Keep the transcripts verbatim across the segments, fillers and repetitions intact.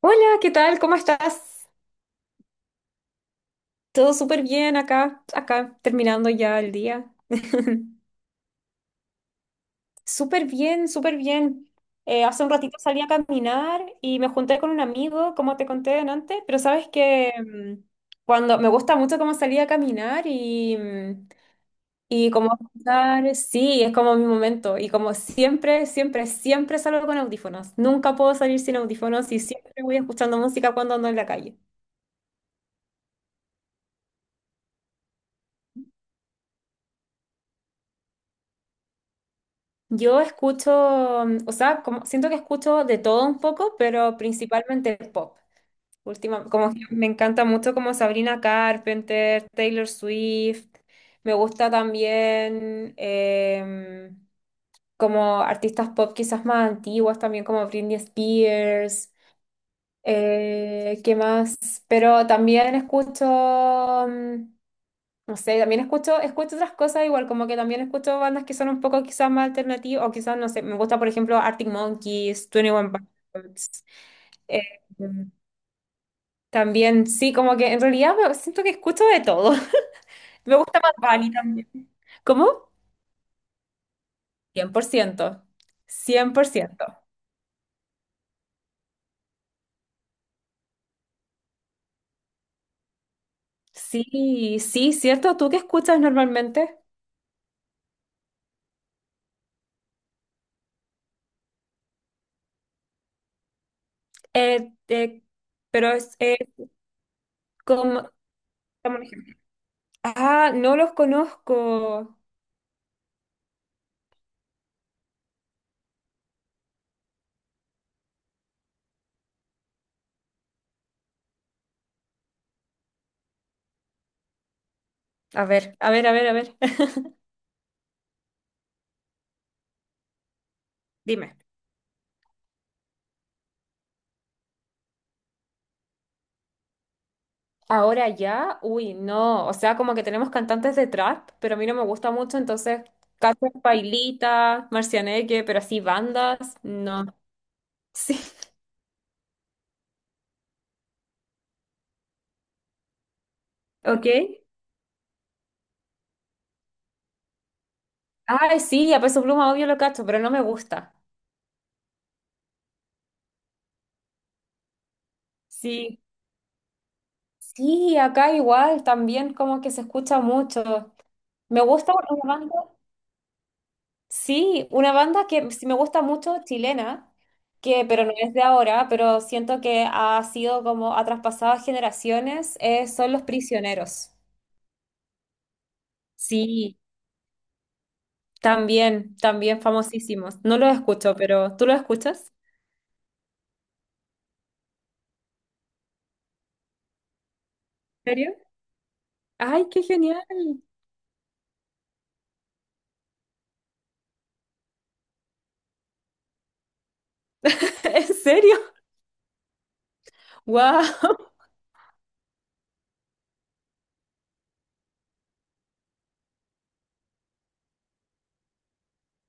Hola, ¿qué tal? ¿Cómo estás? Todo súper bien acá, acá terminando ya el día. Súper bien, súper bien. Eh, hace un ratito salí a caminar y me junté con un amigo, como te conté antes, pero sabes que mm, cuando me gusta mucho como salir a caminar y, mm, y como escuchar, sí, es como mi momento. Y como siempre, siempre, siempre salgo con audífonos. Nunca puedo salir sin audífonos y siempre voy escuchando música cuando ando en la calle. Yo escucho, mm, o sea, como, siento que escucho de todo un poco, pero principalmente pop. Última, como que me encanta mucho como Sabrina Carpenter, Taylor Swift. Me gusta también em, como artistas pop quizás más antiguas, también como Britney Spears. Eh, ¿qué más? Pero también escucho mm, no sé, también escucho, escucho otras cosas igual, como que también escucho bandas que son un poco quizás más alternativas, o quizás, no sé, me gusta, por ejemplo, Arctic Monkeys, Twenty One Pilots. eh, mm, También, sí, como que en realidad me- siento que escucho de todo. Me gusta más Bunny también. ¿Cómo? cien cien por ciento, cien por ciento. Sí, sí, cierto. ¿Tú qué escuchas normalmente? Eh, eh, pero es eh, como... como un ejemplo. Ah, no los conozco. A ver, a ver, a ver, a ver. Dime. Ahora ya, uy, no, o sea, como que tenemos cantantes de trap, pero a mí no me gusta mucho, entonces Cacho Pailita, Marcianeque, pero así bandas, no. Sí. ¿Ok? Ay, sí, a Peso Pluma obvio lo cacho, pero no me gusta. Sí. Sí, acá igual, también como que se escucha mucho. Me gusta una banda. Sí, una banda que sí me gusta mucho, chilena, que, pero no es de ahora, pero siento que ha sido como, ha traspasado generaciones, eh, son Los Prisioneros. Sí, también, también famosísimos. No los escucho, pero ¿tú los escuchas? ¿En serio? ¡Ay, qué genial! ¿En serio? ¡Wow!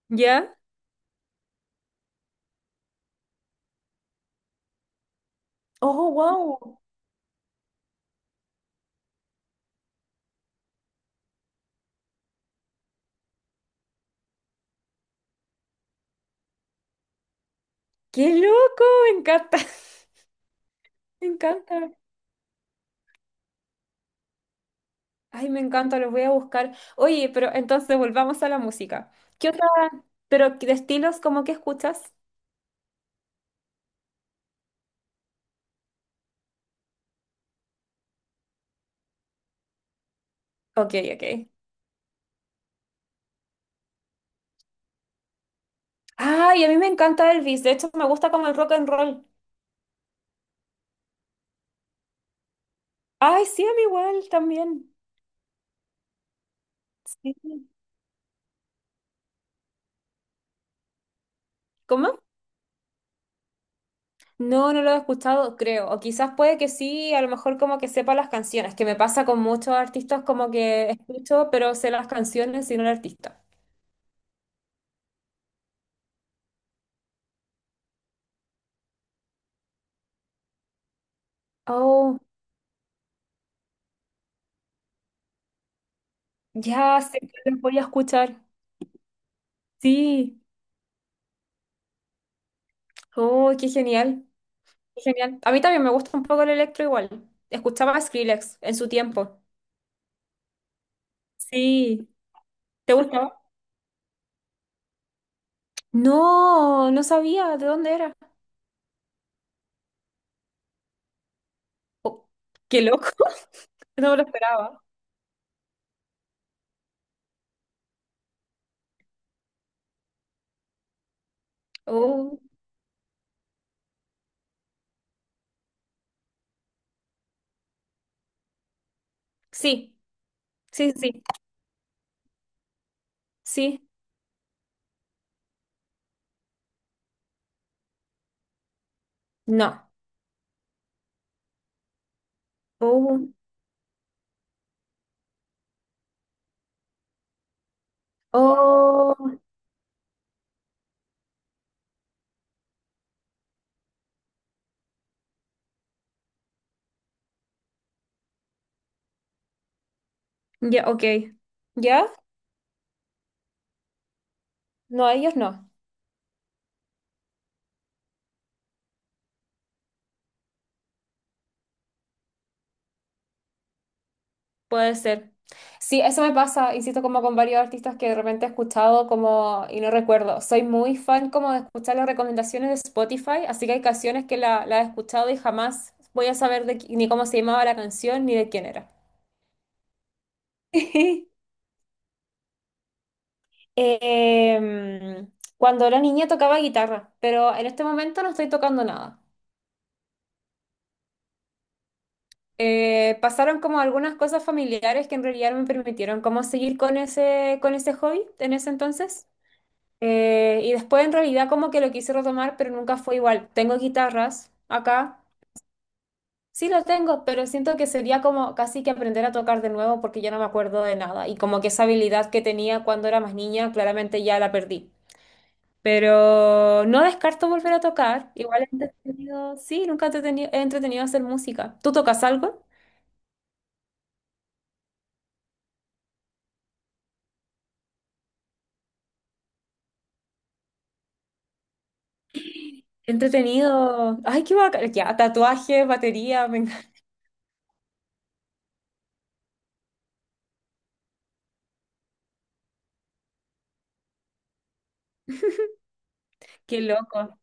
¿Ya? ¡Oh, wow! ¡Qué loco! Me encanta. Me encanta. Ay, me encanta, los voy a buscar. Oye, pero entonces volvamos a la música. ¿Qué otra? Pero de estilos, ¿cómo que escuchas? Ok, ok. Ay, a mí me encanta Elvis. De hecho, me gusta como el rock and roll. Ay, sí, a mí igual también. Sí. ¿Cómo? No, no lo he escuchado, creo. O quizás puede que sí, a lo mejor como que sepa las canciones, que me pasa con muchos artistas como que escucho, pero sé las canciones y no el artista. Oh, ya sé que los voy a escuchar. Sí. Oh, qué genial. Genial. A mí también me gusta un poco el electro igual. Escuchaba a Skrillex en su tiempo. Sí. ¿Te gustaba? No, no sabía de dónde era. Oh, qué loco. No me lo esperaba. Oh, sí, sí, sí, sí. No. Oh, oh, ya, ok. ¿Ya? No, ellos no. Puede ser. Sí, eso me pasa, insisto, como con varios artistas que de repente he escuchado como y no recuerdo. Soy muy fan como de escuchar las recomendaciones de Spotify, así que hay canciones que la, la he escuchado y jamás voy a saber de, qui- ni cómo se llamaba la canción ni de quién era. Em, cuando era niña tocaba guitarra, pero en este momento no estoy tocando nada. Eh, pasaron como algunas cosas familiares que en realidad no me permitieron como seguir con ese, con ese hobby en ese entonces. Eh, y después en realidad como que lo quise retomar, pero nunca fue igual. Tengo guitarras acá. Sí lo tengo, pero siento que sería como casi que aprender a tocar de nuevo porque ya no me acuerdo de nada. Y como que esa habilidad que tenía cuando era más niña, claramente ya la perdí. Pero no descarto volver a tocar. Igual he entretenido, sí, nunca he entretenido, he entretenido hacer música. ¿Tú tocas algo? Entretenido. Ay, qué bacán. Ya, tatuajes, batería, venga. Qué loco.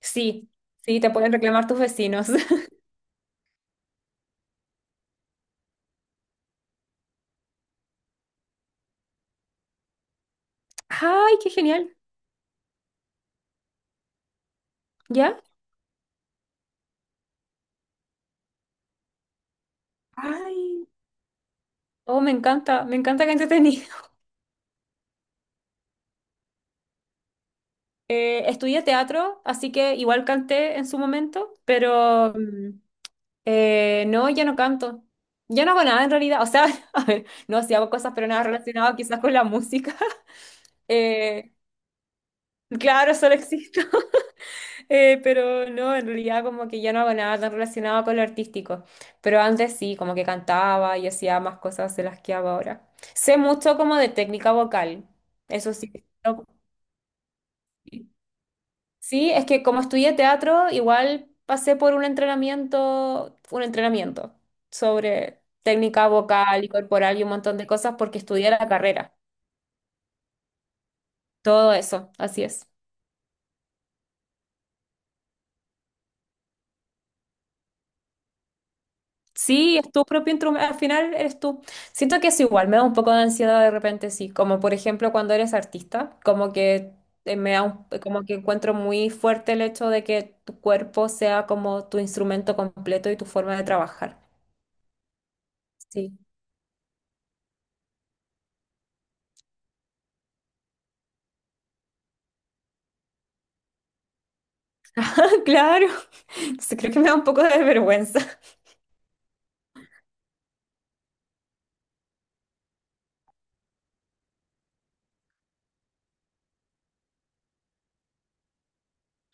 Sí, sí, te pueden reclamar tus vecinos. Ay, qué genial. ¿Ya? Ay, oh, me encanta, me encanta que entretenido. Eh, estudié teatro, así que igual canté en su momento, pero mm, eh, no, ya no canto. Ya no hago nada en realidad. O sea, a ver, no, sí hago cosas, pero nada relacionado quizás con la música. Eh, claro, solo existe. Eh, pero no, en realidad como que ya no hago nada tan relacionado con lo artístico. Pero antes sí, como que cantaba y hacía más cosas de las que hago ahora. Sé mucho como de técnica vocal. Eso sí. No, sí, es que como estudié teatro, igual pasé por un entrenamiento, un entrenamiento, sobre técnica vocal y corporal y un montón de cosas porque estudié la carrera. Todo eso, así es. Sí, es tu propio instrumento, al final eres tú. Siento que es igual, me da un poco de ansiedad de repente, sí, como por ejemplo cuando eres artista, como que eh, me da un- como que encuentro muy fuerte el hecho de que tu cuerpo sea como tu instrumento completo y tu forma de trabajar. Sí. Claro. Entonces creo que me da un poco de vergüenza.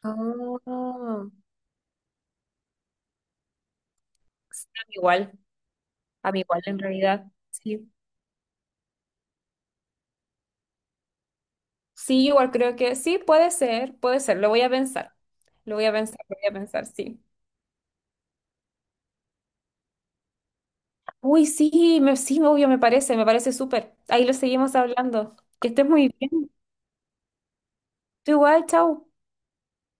Ah, a mí igual, a mí igual en realidad. Sí. Sí, igual creo que sí, puede ser, puede ser, lo voy a pensar. Lo voy a pensar, lo voy a pensar, sí. Uy, sí, me, sí, obvio, me parece, me parece súper. Ahí lo seguimos hablando. Que estés muy bien. Tú igual, chao.